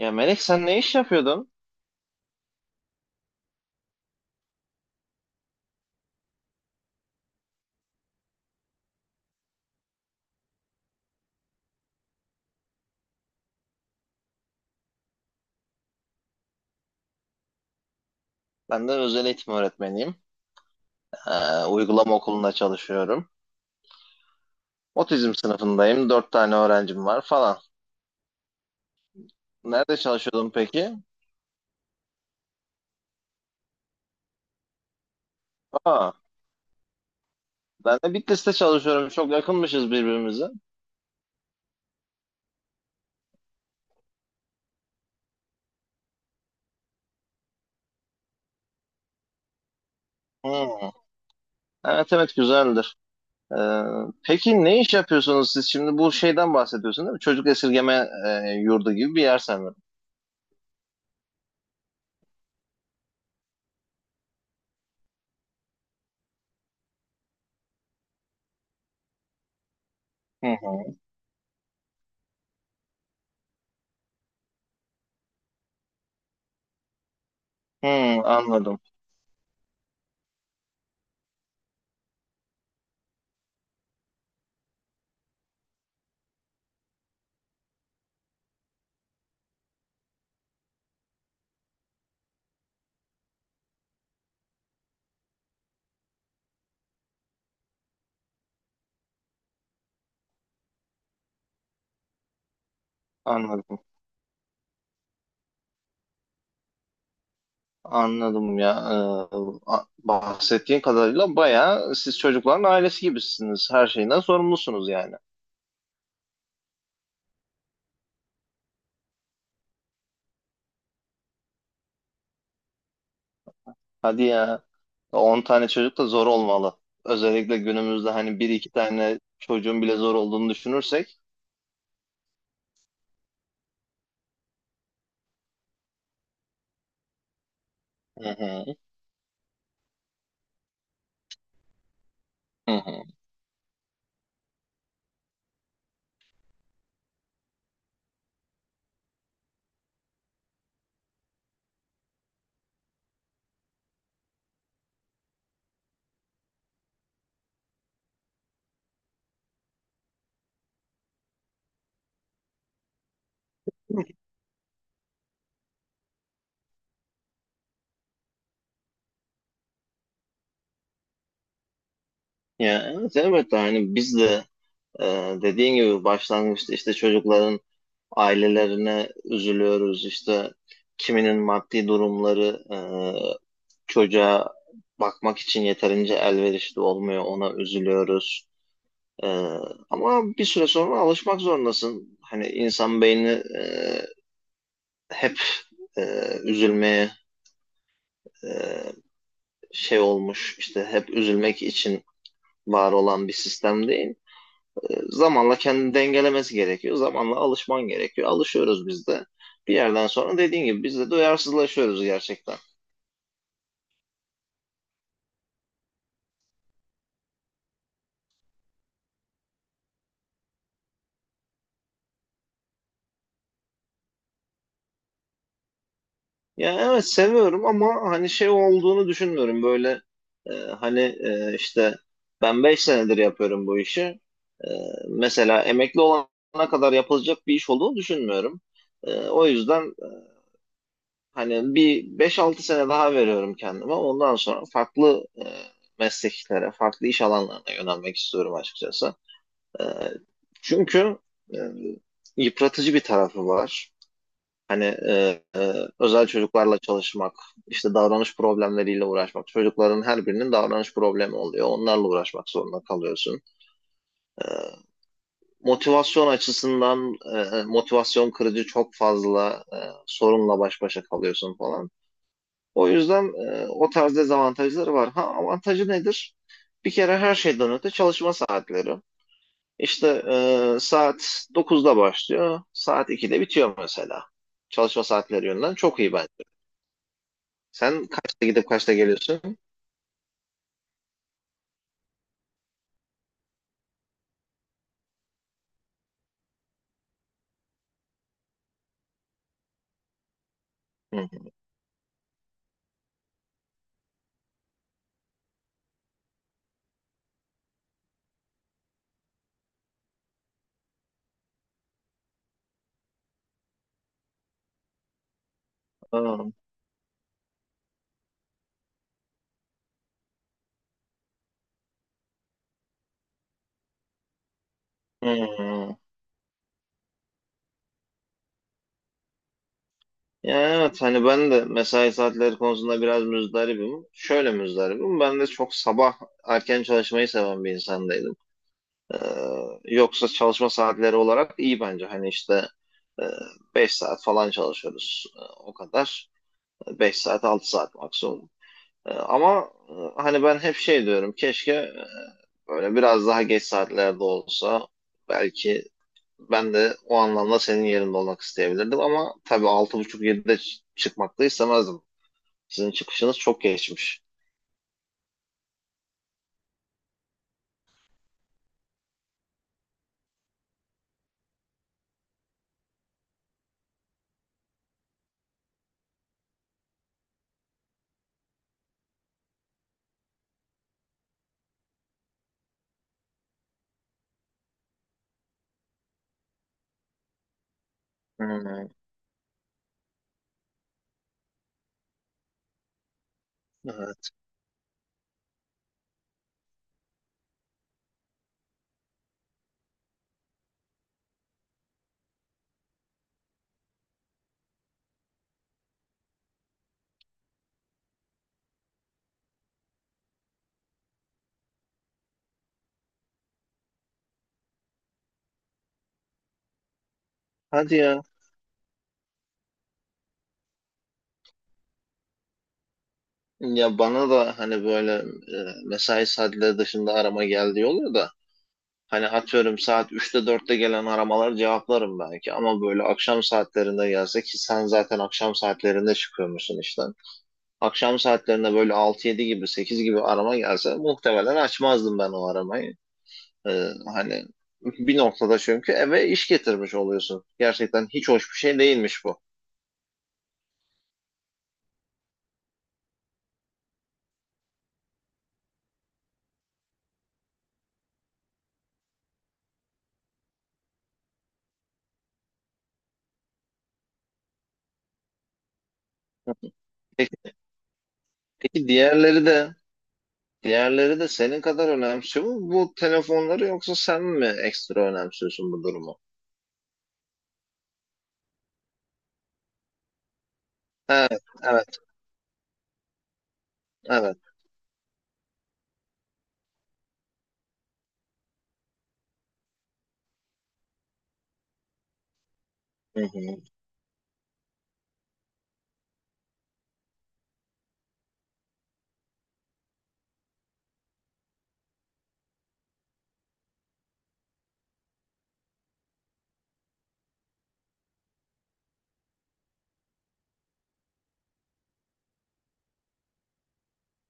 Ya Melek sen ne iş yapıyordun? Ben de özel eğitim öğretmeniyim. Uygulama okulunda çalışıyorum. Otizm sınıfındayım. Dört tane öğrencim var falan. Nerede çalışıyordun peki? Aa, ben de Bitlis'te çalışıyorum. Çok yakınmışız birbirimize. Hmm, evet evet güzeldir. Ee, peki ne iş yapıyorsunuz siz? Şimdi bu şeyden bahsediyorsun değil mi? Çocuk esirgeme yurdu gibi bir yer sanırım. Hı hı. Hmm, anladım. Anladım. Anladım ya. Ee, bahsettiğin kadarıyla bayağı siz çocukların ailesi gibisiniz. Her şeyden sorumlusunuz yani. Hadi ya. 10 tane çocuk da zor olmalı. Özellikle günümüzde hani bir iki tane çocuğun bile zor olduğunu düşünürsek. Hı hı, hı hı. Ya evet elbette hani biz de e, dediğin gibi başlangıçta işte çocukların ailelerine üzülüyoruz. İşte kiminin maddi durumları çocuğa bakmak için yeterince elverişli olmuyor. Ona üzülüyoruz. Ee, ama bir süre sonra alışmak zorundasın. Hani insan beyni hep e, üzülmeye e, şey olmuş. İşte hep üzülmek için var olan bir sistem değil. Zamanla kendini dengelemesi gerekiyor. Zamanla alışman gerekiyor. Alışıyoruz biz de. Bir yerden sonra dediğin gibi biz de duyarsızlaşıyoruz gerçekten. Ya evet seviyorum ama hani şey olduğunu düşünmüyorum. Böyle hani işte ben 5 senedir yapıyorum bu işi. E, mesela emekli olana kadar yapılacak bir iş olduğunu düşünmüyorum. O yüzden hani bir beş altı sene daha veriyorum kendime. Ondan sonra farklı mesleklere, farklı iş alanlarına yönelmek istiyorum açıkçası. E, çünkü e, yıpratıcı bir tarafı var. Hani e, e, özel çocuklarla çalışmak, işte davranış problemleriyle uğraşmak. Çocukların her birinin davranış problemi oluyor. Onlarla uğraşmak zorunda kalıyorsun. E, motivasyon açısından motivasyon kırıcı çok fazla sorunla baş başa kalıyorsun falan. O yüzden o tarz dezavantajları var. Ha avantajı nedir? Bir kere her şeyden öte çalışma saatleri. İşte saat 9'da başlıyor, saat 2'de bitiyor mesela. Çalışma saatleri yönünden çok iyi bence. Sen kaçta gidip kaçta geliyorsun? Hı. Aa, hı. Ya evet hani ben de mesai saatleri konusunda biraz müzdaribim. Şöyle müzdaribim. Ben de çok sabah erken çalışmayı seven bir insandaydım. Ee, yoksa çalışma saatleri olarak iyi bence. Hani işte e, 5 saat falan çalışıyoruz. O kadar. Beş saat 6 saat maksimum. Ama hani ben hep şey diyorum. Keşke böyle biraz daha geç saatlerde olsa belki. Ben de o anlamda senin yerinde olmak isteyebilirdim ama tabii 6.30-7'de çıkmak da istemezdim. Sizin çıkışınız çok geçmiş. Hmm, evet. Hadi ya. Ya bana da hani böyle mesai saatleri dışında arama geldiği oluyor da hani atıyorum saat üçte dörtte gelen aramaları cevaplarım belki ama böyle akşam saatlerinde gelse ki sen zaten akşam saatlerinde çıkıyormuşsun işten. Akşam saatlerinde böyle altı yedi gibi 8 gibi arama gelse muhtemelen açmazdım ben o aramayı. Hani bir noktada çünkü eve iş getirmiş oluyorsun. Gerçekten hiç hoş bir şey değilmiş bu. Peki, peki diğerleri de senin kadar önemsiyor mu bu telefonları yoksa sen mi ekstra önemsiyorsun bu durumu? Evet, evet. Hı hı.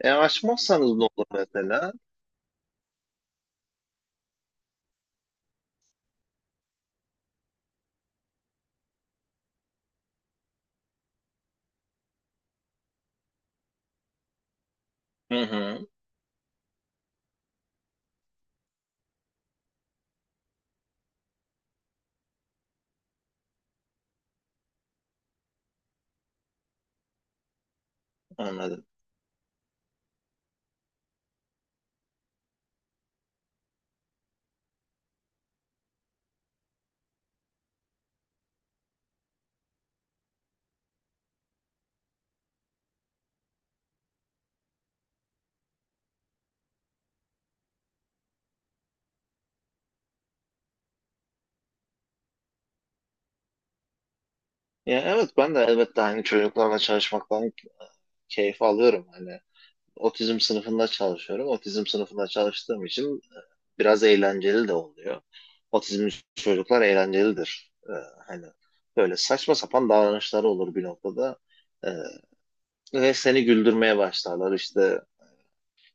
Açmazsanız ne olur mesela? Hı hı, anladım. Ya evet ben de elbette hani çocuklarla çalışmaktan keyif alıyorum. Hani otizm sınıfında çalışıyorum. Otizm sınıfında çalıştığım için biraz eğlenceli de oluyor. Otizmli çocuklar eğlencelidir. Hani böyle saçma sapan davranışları olur bir noktada. Ee, ve seni güldürmeye başlarlar. İşte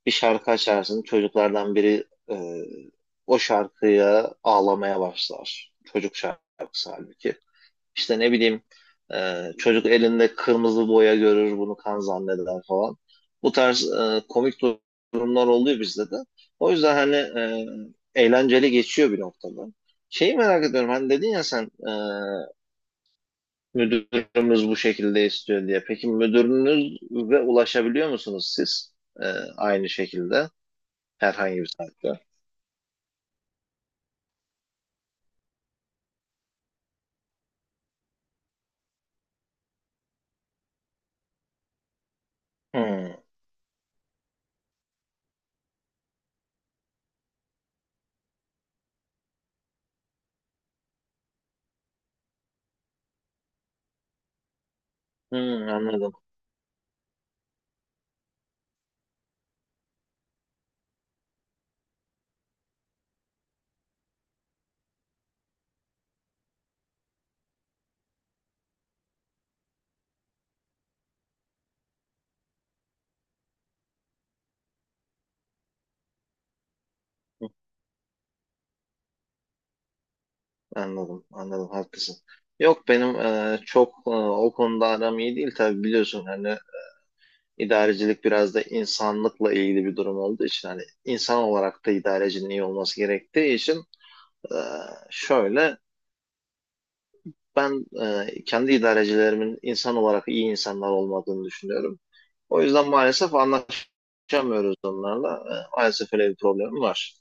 bir şarkı açarsın, çocuklardan biri o şarkıya ağlamaya başlar. Çocuk şarkısı halbuki. İşte ne bileyim çocuk elinde kırmızı boya görür bunu kan zanneder falan. Bu tarz komik durumlar oluyor bizde de. O yüzden hani eğlenceli geçiyor bir noktada. Şeyi merak ediyorum hani dedin ya sen müdürümüz bu şekilde istiyor diye. Peki müdürünüz ve ulaşabiliyor musunuz siz E, aynı şekilde herhangi bir saatte? Hmm. Hmm, anladım. Anladım, anladım, haklısın. Yok benim çok o konuda aram iyi değil tabii biliyorsun hani idarecilik biraz da insanlıkla ilgili bir durum olduğu için hani insan olarak da idarecinin iyi olması gerektiği için e, şöyle ben kendi idarecilerimin insan olarak iyi insanlar olmadığını düşünüyorum. O yüzden maalesef anlaşamıyoruz onlarla. Maalesef öyle bir problemim var.